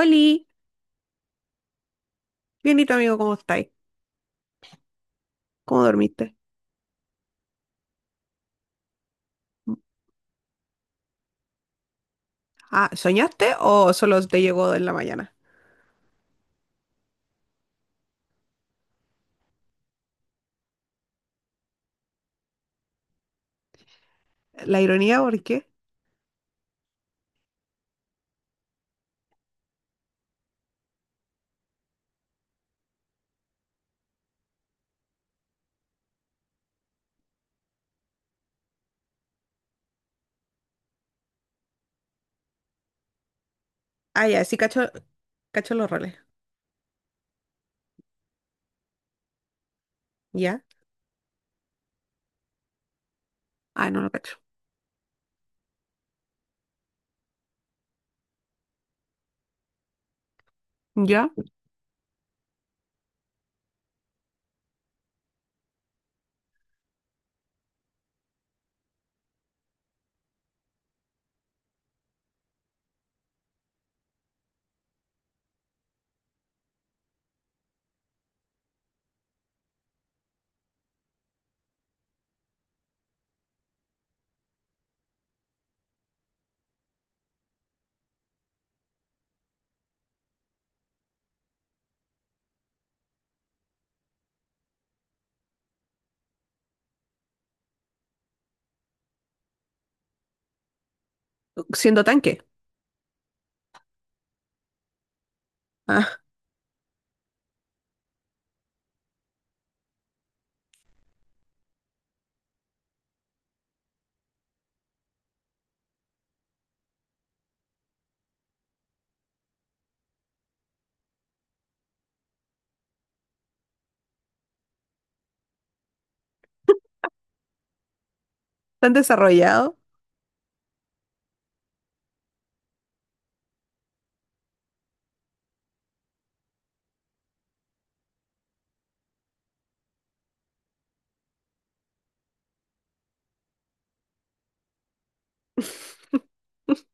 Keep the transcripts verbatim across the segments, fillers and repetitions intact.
Oli, bienito amigo, ¿cómo estáis? ¿Cómo dormiste? Ah, ¿soñaste o solo te llegó en la mañana? La ironía, ¿por qué? Ah, ya, sí cacho, cacho los roles. ¿Ya? Ah, no lo cacho. ¿Ya? Siendo tanque. Ah, tan desarrollado.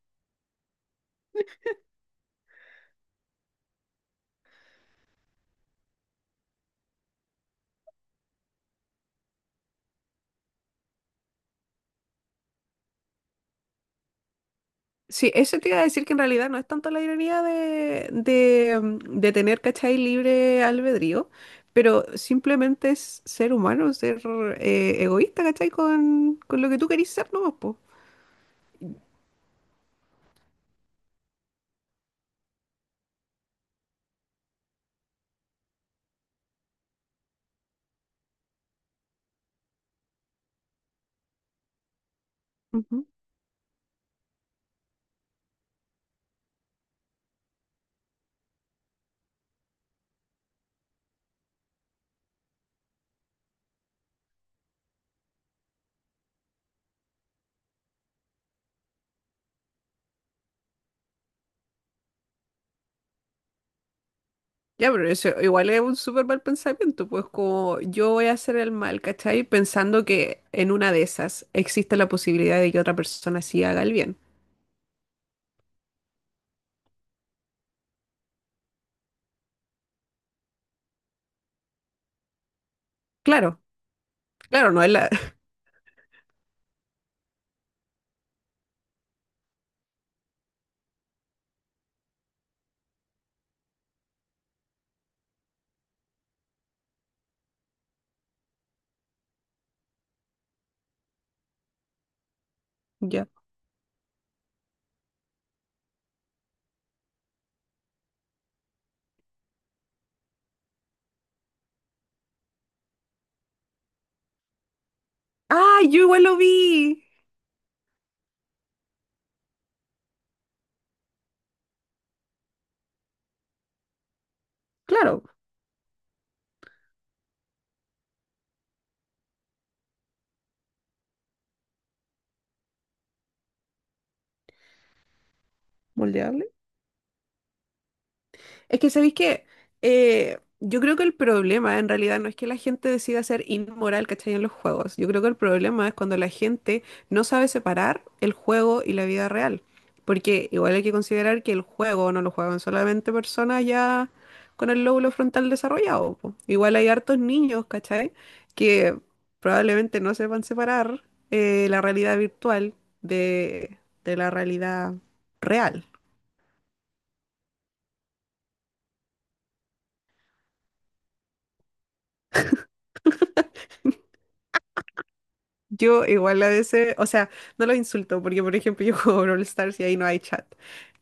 Sí, eso te iba a decir que en realidad no es tanto la ironía de, de, mm, de tener, ¿cachai? Libre albedrío, pero simplemente es ser humano, ser eh, egoísta, ¿cachai? Con, con lo que tú querís ser, ¿no? Po. Ujú. Ya, pero eso igual es un súper mal pensamiento, pues como yo voy a hacer el mal, ¿cachai? Pensando que en una de esas existe la posibilidad de que otra persona sí haga el bien. Claro, claro, no es la. Ya. ¡Ah, yo igual lo vi! Claro, moldeable. Es que sabéis que yo creo que el problema en realidad no es que la gente decida ser inmoral, ¿cachai? En los juegos. Yo creo que el problema es cuando la gente no sabe separar el juego y la vida real. Porque igual hay que considerar que el juego no lo juegan solamente personas ya con el lóbulo frontal desarrollado. Po. Igual hay hartos niños, ¿cachai? Que probablemente no sepan separar eh, la realidad virtual de, de la realidad real. Yo igual a veces, o sea, no los insulto, porque por ejemplo yo juego Brawl Stars y ahí no hay chat.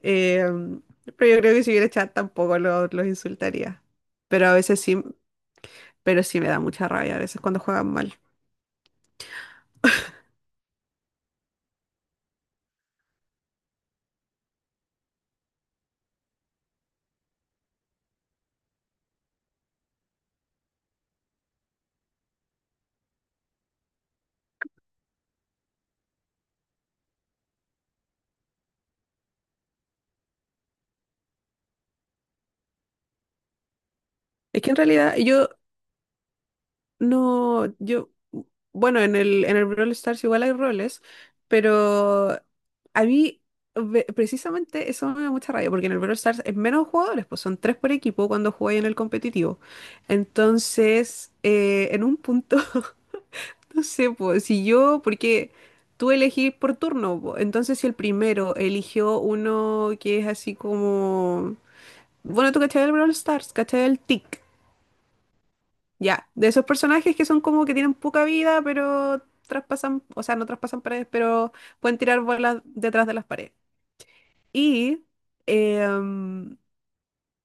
Em, pero yo creo que si hubiera chat tampoco lo- los insultaría. Pero a veces sí, pero sí me da mucha rabia a veces cuando juegan mal. Es que en realidad yo. No, yo, bueno, en el, en el Brawl Stars igual hay roles, pero a mí ve- precisamente eso me da mucha rabia, porque en el Brawl Stars es menos jugadores, pues son tres por equipo cuando jugáis en el competitivo. Entonces, eh, en un punto, no sé, pues si yo, porque tú elegís por turno, po, entonces si el primero eligió uno que es así como, bueno, tú cachai el Brawl Stars, cachai el T I C. Ya, de esos personajes que son como que tienen poca vida, pero traspasan, o sea, no traspasan paredes, pero pueden tirar bolas detrás de las paredes. Y em,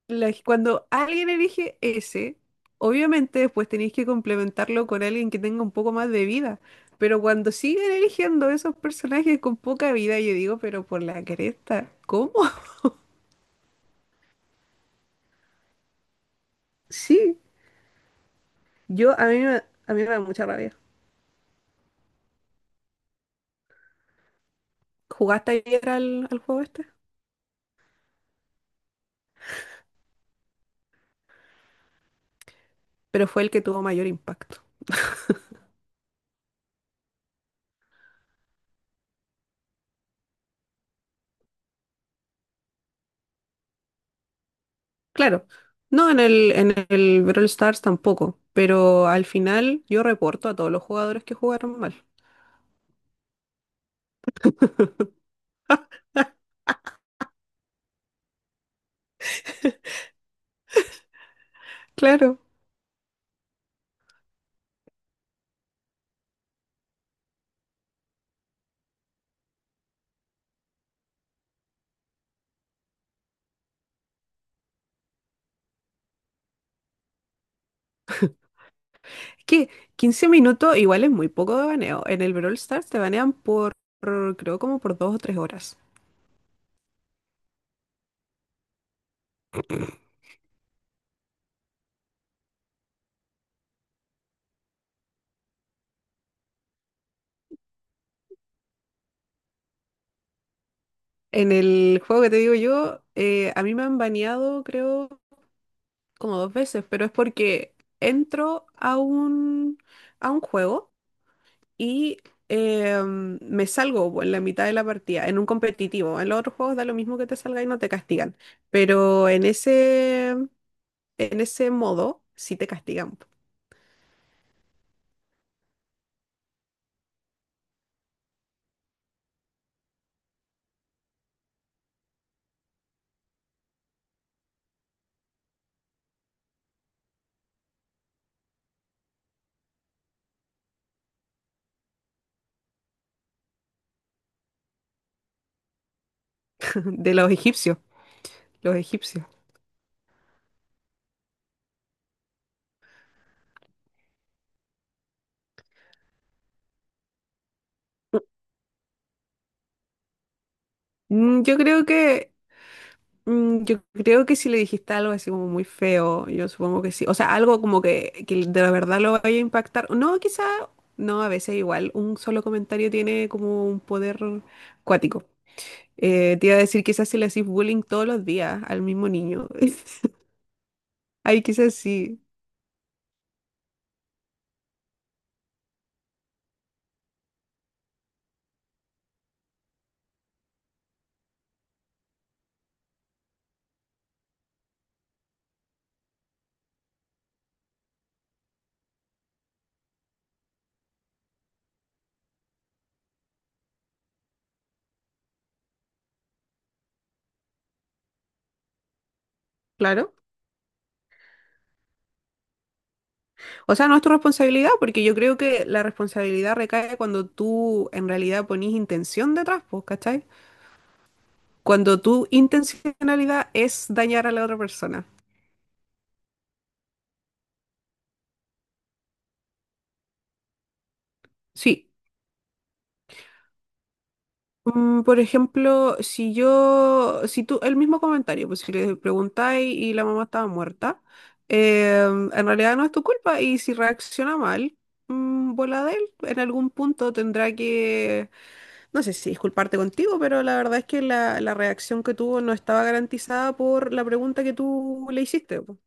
la- cuando alguien elige ese, obviamente después tenéis que complementarlo con alguien que tenga un poco más de vida. Pero cuando siguen eligiendo esos personajes con poca vida, yo digo, pero por la cresta, ¿cómo? Sí, yo a mí me, a mí me da mucha rabia. ¿Jugaste ayer al, al juego este? Pero fue el que tuvo mayor impacto. Claro, no en el, en el Brawl Stars tampoco, pero al final yo reporto a todos los jugadores que jugaron mal. Claro, es que quince minutos igual es muy poco de baneo. En el Brawl Stars te banean por, por, creo, como por dos o tres horas. En el juego que te digo yo, eh, a mí me han baneado, creo, como dos veces, pero es porque entro a un, a un juego y em, me salgo pues, en la mitad de la partida, en un competitivo. En los otros juegos da lo mismo que te salga y no te castigan, pero en ese, em, en ese modo sí te castigan. Po. De los egipcios, los egipcios. Mm, Yo creo que Mm, Yo creo que si le dijiste algo así como muy feo, yo supongo que sí. O sea, algo como que, que de la verdad lo vaya a impactar. No, quizá, no, a veces igual un solo comentario tiene como un poder cuático. Eh, te iba a decir quizás si le haces bullying todos los días al mismo niño. Ahí quizás sí, claro. O sea, no es tu responsabilidad, porque yo creo que la responsabilidad recae cuando tú en realidad ponís intención detrás, pues, ¿cachai? Cuando tu intencionalidad es dañar a la otra persona. Sí, Mm, por ejemplo, si yo, si tú, el mismo comentario, pues si le preguntáis y la mamá estaba muerta, eh, en realidad no es tu culpa y si reacciona mal, mm, bola de él, en algún punto tendrá que, no sé si disculparte contigo, pero la verdad es que la, la reacción que tuvo no estaba garantizada por la pregunta que tú le hiciste. Po.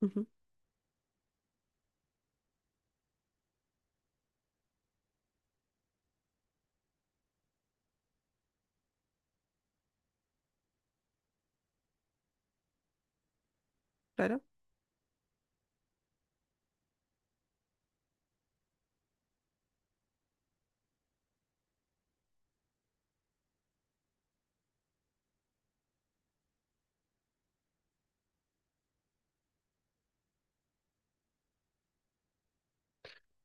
Ujú, claro.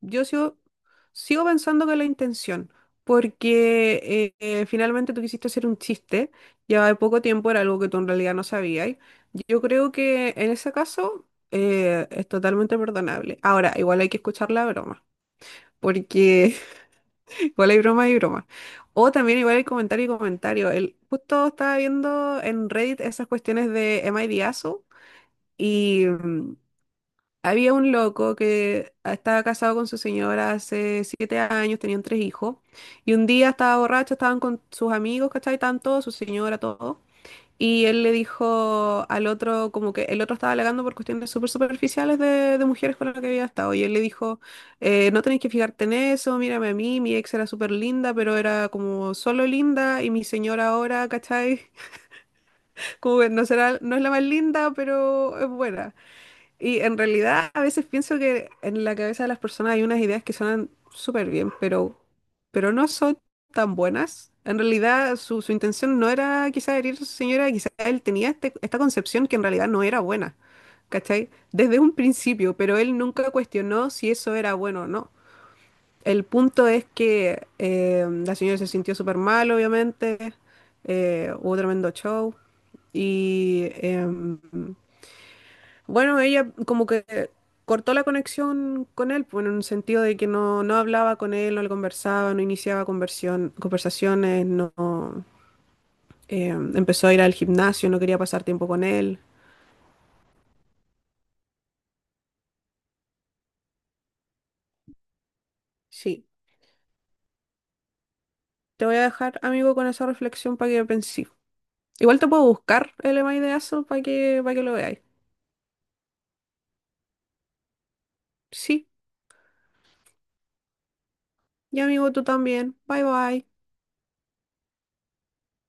Yo sigo, sigo pensando que la intención, porque eh, eh, finalmente tú quisiste hacer un chiste, llevaba poco tiempo, era algo que tú en realidad no sabías. Yo creo que en ese caso eh, es totalmente perdonable. Ahora, igual hay que escuchar la broma, porque igual hay broma y broma. O también igual hay comentario y comentario. El, justo estaba viendo en Reddit esas cuestiones de Am I the asshole? Y, mm, había un loco que estaba casado con su señora hace siete años, tenían tres hijos, y un día estaba borracho, estaban con sus amigos, ¿cachai? Estaban todos, su señora, todo. Y él le dijo al otro, como que el otro estaba alegando por cuestiones súper superficiales de, de mujeres con las que había estado. Y él le dijo, eh, no tenés que fijarte en eso, mírame a mí, mi ex era súper linda, pero era como solo linda, y mi señora ahora, ¿cachai? Como que no será, no es la más linda, pero es buena. Y en realidad a veces pienso que en la cabeza de las personas hay unas ideas que suenan súper bien, pero, pero no son tan buenas. En realidad su, su intención no era quizá herir a su señora, quizá él tenía este- esta concepción que en realidad no era buena, ¿cachai? Desde un principio, pero él nunca cuestionó si eso era bueno o no. El punto es que eh, la señora se sintió súper mal, obviamente, eh, hubo tremendo show y, em, bueno, ella como que cortó la conexión con él, pues, en un sentido de que no, no hablaba con él, no le conversaba, no iniciaba conversión, conversaciones, no eh, empezó a ir al gimnasio, no quería pasar tiempo con él. Sí, te voy a dejar, amigo, con esa reflexión para que penses. Igual te puedo buscar el email de eso para que, para que lo veáis. Sí, y amigo, tú también. Bye bye.